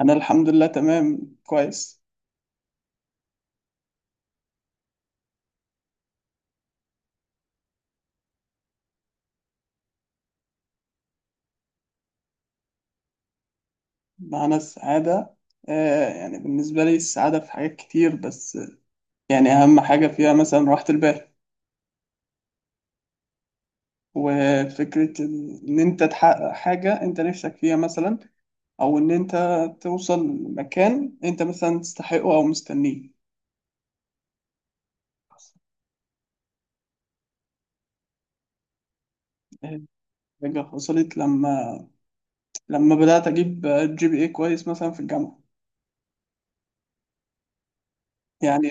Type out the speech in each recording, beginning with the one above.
أنا الحمد لله تمام كويس. معنى السعادة. آه، يعني بالنسبة لي السعادة في حاجات كتير. بس يعني أهم حاجة فيها مثلا راحة البال. وفكرة إن أنت تحقق حاجة أنت نفسك فيها مثلا، أو إن أنت توصل لمكان أنت مثلا تستحقه أو مستنيه. آه، حاجة حصلت لما بدأت أجيب جي بي إيه كويس مثلا في الجامعة. يعني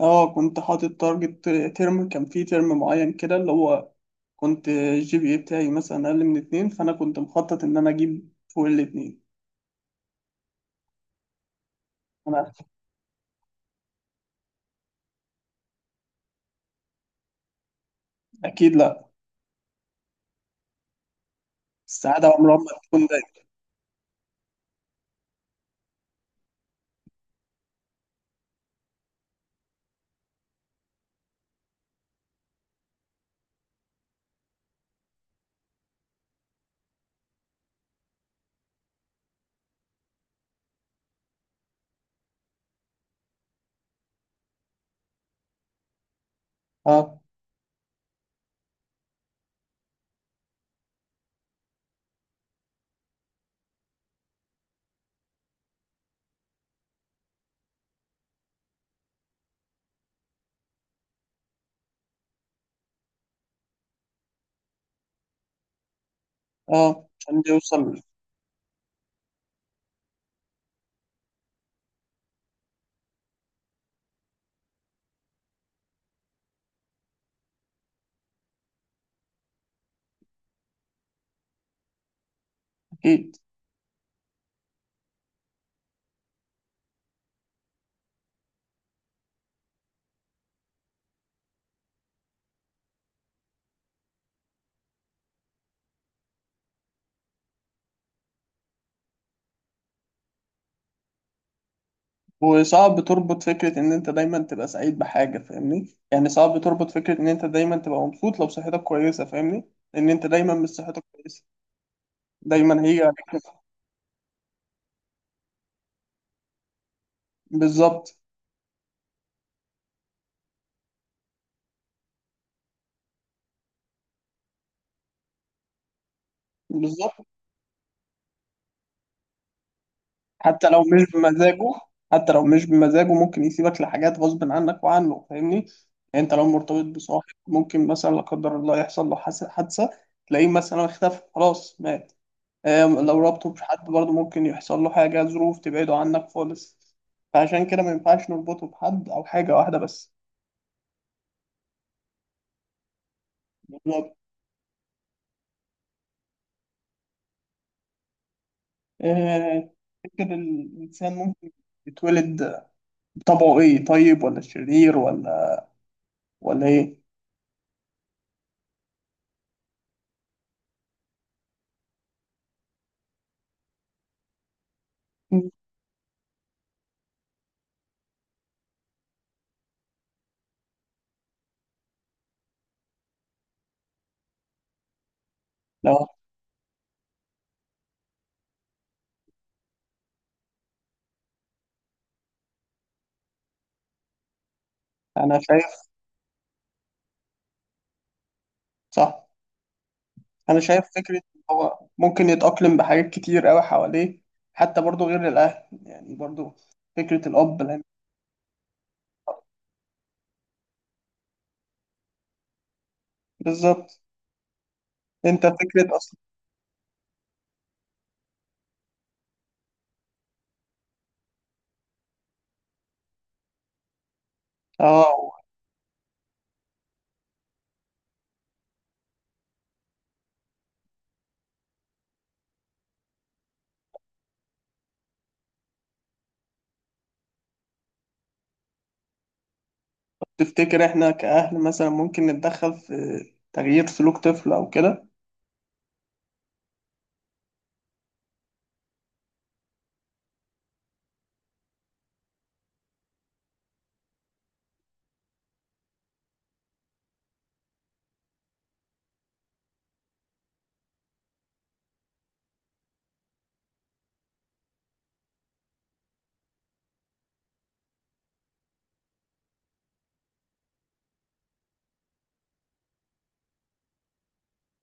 اه كنت حاطط تارجت. كان فيه ترم معين كده اللي هو كنت الجي بي اي بتاعي مثلا اقل من 2، فانا كنت مخطط ان انا اجيب فوق الـ2. انا اكيد لا. السعاده عمرها ما تكون دايما. اه، اه، عشان دي يوصل. اكيد. وصعب تربط فكره ان انت دايما تبقى سعيد بحاجه، فاهمني؟ يعني صعب تربط فكره ان انت دايما تبقى مبسوط لو صحتك كويسه، فاهمني؟ لان انت دايما مش صحتك كويسه، دايما هي عليك. بالظبط. بالظبط. حتى لو مش بمزاجه حتى لو مش بمزاجه ممكن يسيبك لحاجات غصب عنك وعنه، فاهمني؟ يعني انت لو مرتبط بصاحب ممكن مثلا لا قدر الله يحصل له حادثه، تلاقيه مثلا اختفى، خلاص مات. لو رابطه بحد برضه ممكن يحصل له حاجه، ظروف تبعده عنك خالص. فعشان كده ما ينفعش نربطه بحد او حاجه واحده بس. بالظبط. آه، تفتكر الانسان ممكن يتولد بطبعه ايه، طيب ولا شرير ولا ايه؟ لو انا شايف صح. انا شايف فكره إن هو ممكن يتاقلم بحاجات كتير قوي حواليه، حتى برضو غير الاهل، يعني برضو فكره الاب. بالظبط. انت فكره اصلا. اه. تفتكر احنا كاهل مثلا ممكن نتدخل في تغيير سلوك طفل او كده؟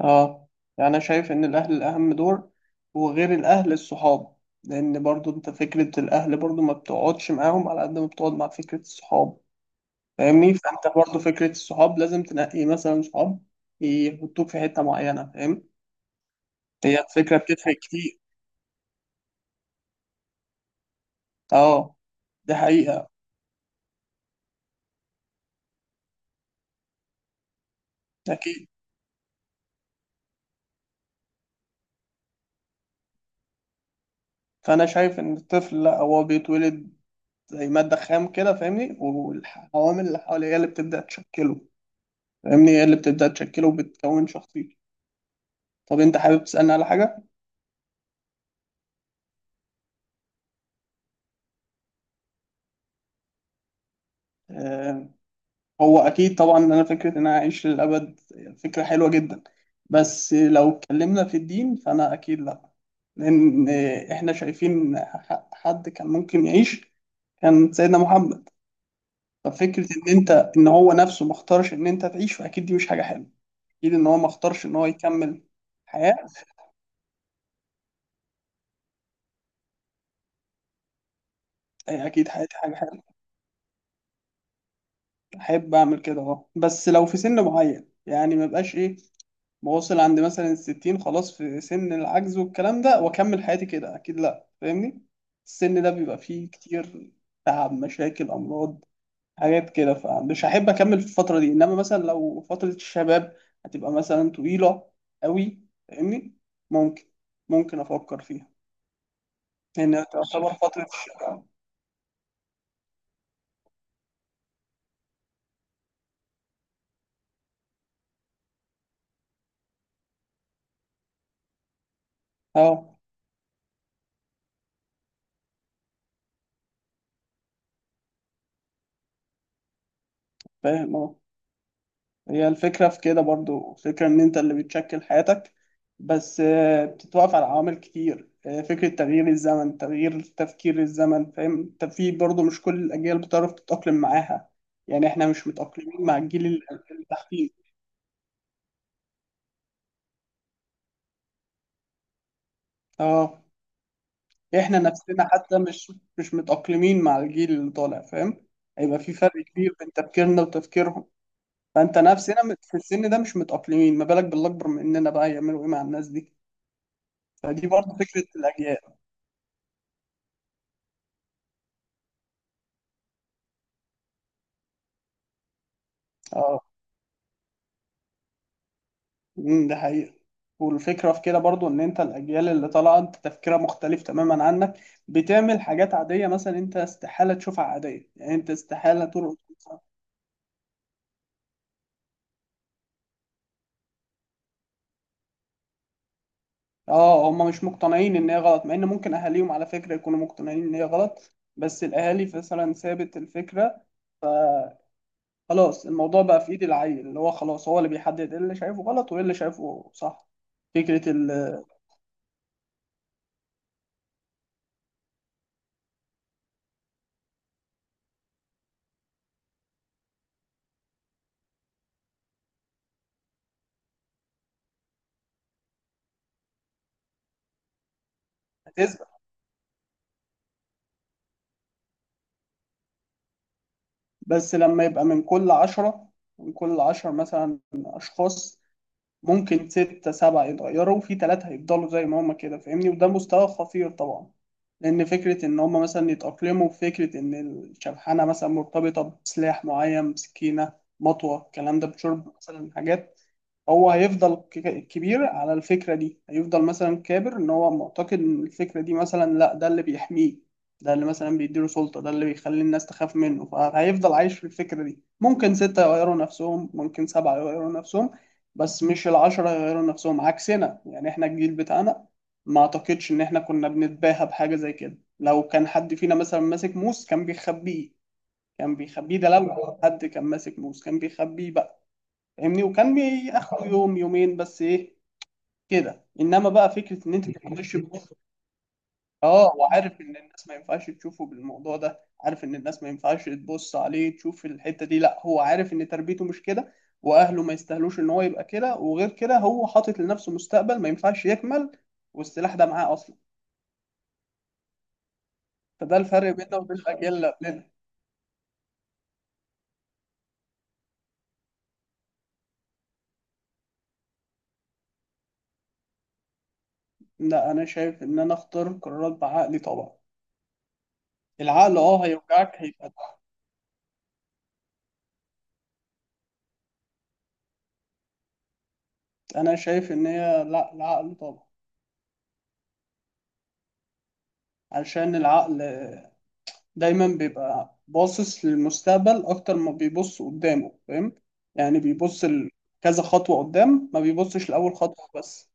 اه. يعني انا شايف ان الاهل الاهم دور، وغير الاهل الصحاب. لان برضو انت فكره الاهل برضو ما بتقعدش معاهم على قد ما بتقعد مع فكره الصحاب. فاهمني؟ فانت برضه فكره الصحاب لازم تنقي مثلا صحاب يحطوك في حته معينه، فاهم؟ هي الفكره بتفرق كتير. اه، دي حقيقه. اكيد. فانا شايف ان الطفل لا، هو بيتولد زي ماده خام كده، فاهمني؟ والعوامل اللي حواليه هي اللي بتبدا تشكله، فاهمني؟ هي اللي بتبدا تشكله وبتكون شخصيته. طب انت حابب تسالني على حاجه؟ آه، هو اكيد طبعا ان انا فكره ان انا اعيش للابد فكره حلوه جدا، بس لو اتكلمنا في الدين فانا اكيد لا. لان احنا شايفين حد كان ممكن يعيش، كان سيدنا محمد. ففكره ان ان هو نفسه ما اختارش ان انت تعيش، فاكيد دي مش حاجه حلوه. اكيد ان هو ما اختارش ان هو يكمل. حياه. اكيد حياتي حاجه حلوه، احب اعمل كده. اه بس لو في سن معين، يعني ما بقاش ايه، واوصل عند مثلا الـ60 خلاص في سن العجز والكلام ده واكمل حياتي كده، اكيد لا، فاهمني؟ السن ده بيبقى فيه كتير تعب، مشاكل، امراض، حاجات كده، فمش هحب اكمل في الفتره دي. انما مثلا لو فتره الشباب هتبقى مثلا طويله قوي، فاهمني؟ ممكن افكر فيها، لان تعتبر فتره الشباب. اه. فاهم، اه. هي الفكرة في كده برضو فكرة إن أنت اللي بتشكل حياتك، بس بتتوقف على عوامل كتير. فكرة تغيير الزمن، تغيير تفكير الزمن، فاهم؟ أنت في برضو مش كل الأجيال بتعرف تتأقلم معاها. يعني إحنا مش متأقلمين مع الجيل اللي تحتينا. أه، إحنا نفسنا حتى مش متأقلمين مع الجيل اللي طالع، فاهم؟ هيبقى في فرق كبير بين تفكيرنا وتفكيرهم. فأنت نفسنا في السن ده مش متأقلمين، ما بالك بالأكبر مننا بقى، يعملوا إيه مع الناس دي؟ فدي برضو فكرة الأجيال. اه. ده حقيقة. والفكرة في كده برضو ان انت الاجيال اللي طالعة انت تفكيرها مختلف تماما عنك، بتعمل حاجات عادية مثلا انت استحالة تشوفها عادية. يعني انت استحالة ترقص مثلاً. اه، هم مش مقتنعين ان هي غلط، مع ان ممكن اهاليهم على فكرة يكونوا مقتنعين ان هي غلط، بس الاهالي مثلا سابت الفكرة. خلاص الموضوع بقى في ايد العيل، اللي هو خلاص هو اللي بيحدد ايه اللي شايفه غلط وايه اللي شايفه صح. فكرة ال- هتثبت. بس لما يبقى من كل 10 مثلا اشخاص، ممكن ستة سبعة يتغيروا، وفي 3 هيفضلوا زي ما هما كده، فاهمني؟ وده مستوى خطير طبعا. لأن فكرة إن هما مثلا يتأقلموا بفكرة إن الشبحانة مثلا مرتبطة بسلاح معين، بسكينة، مطوة، الكلام ده، بشرب مثلا حاجات. هو هيفضل كبير على الفكرة دي، هيفضل مثلا كابر ان هو معتقد ان الفكرة دي، مثلا لا، ده اللي بيحميه، ده اللي مثلا بيديله سلطة، ده اللي بيخلي الناس تخاف منه، فهيفضل عايش في الفكرة دي. ممكن ستة يغيروا نفسهم، ممكن سبعة يغيروا نفسهم، بس مش الـ10 يغيروا نفسهم. عكسنا يعني احنا الجيل بتاعنا ما اعتقدش ان احنا كنا بنتباهى بحاجة زي كده. لو كان حد فينا مثلا ماسك موس كان بيخبيه. ده لو حد كان ماسك موس كان بيخبيه بقى، فاهمني؟ وكان بياخد يوم، يومين، بس ايه كده. انما بقى فكره ان انت تخش تبص. اه، وعارف ان الناس ما ينفعش تشوفه بالموضوع ده، عارف ان الناس ما ينفعش تبص عليه تشوف الحته دي. لا، هو عارف ان تربيته مش كده، واهله ما يستاهلوش ان هو يبقى كده. وغير كده هو حاطط لنفسه مستقبل ما ينفعش يكمل، والسلاح ده معاه اصلا. فده الفرق بيننا وبين الاجيال اللي قبلنا. لا، انا شايف ان انا اختار قرارات بعقلي طبعا. العقل هيوجعك، هيبقى انا شايف ان هي، لا العقل طبعا. علشان العقل دايما بيبقى باصص للمستقبل أكتر ما بيبص قدامه، فاهم؟ يعني بيبص كذا خطوة قدام، ما بيبصش لأول خطوة بس.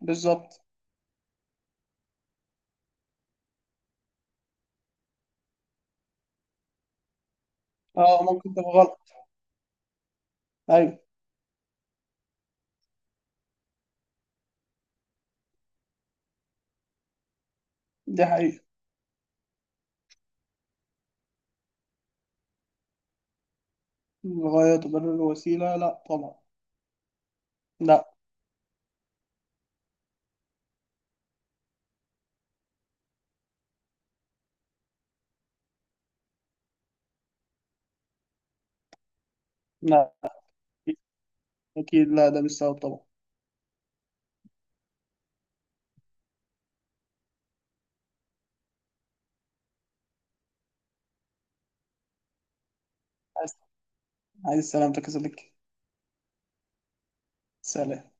بالظبط. اه، ممكن تبقى غلط. أيوه. دي حقيقة. الغاية تبرر الوسيلة، لا طبعا. لا. لا، أكيد لا، ده مش سبب طبعا. عايز، عايز سلامتك يا صديقي. سلام.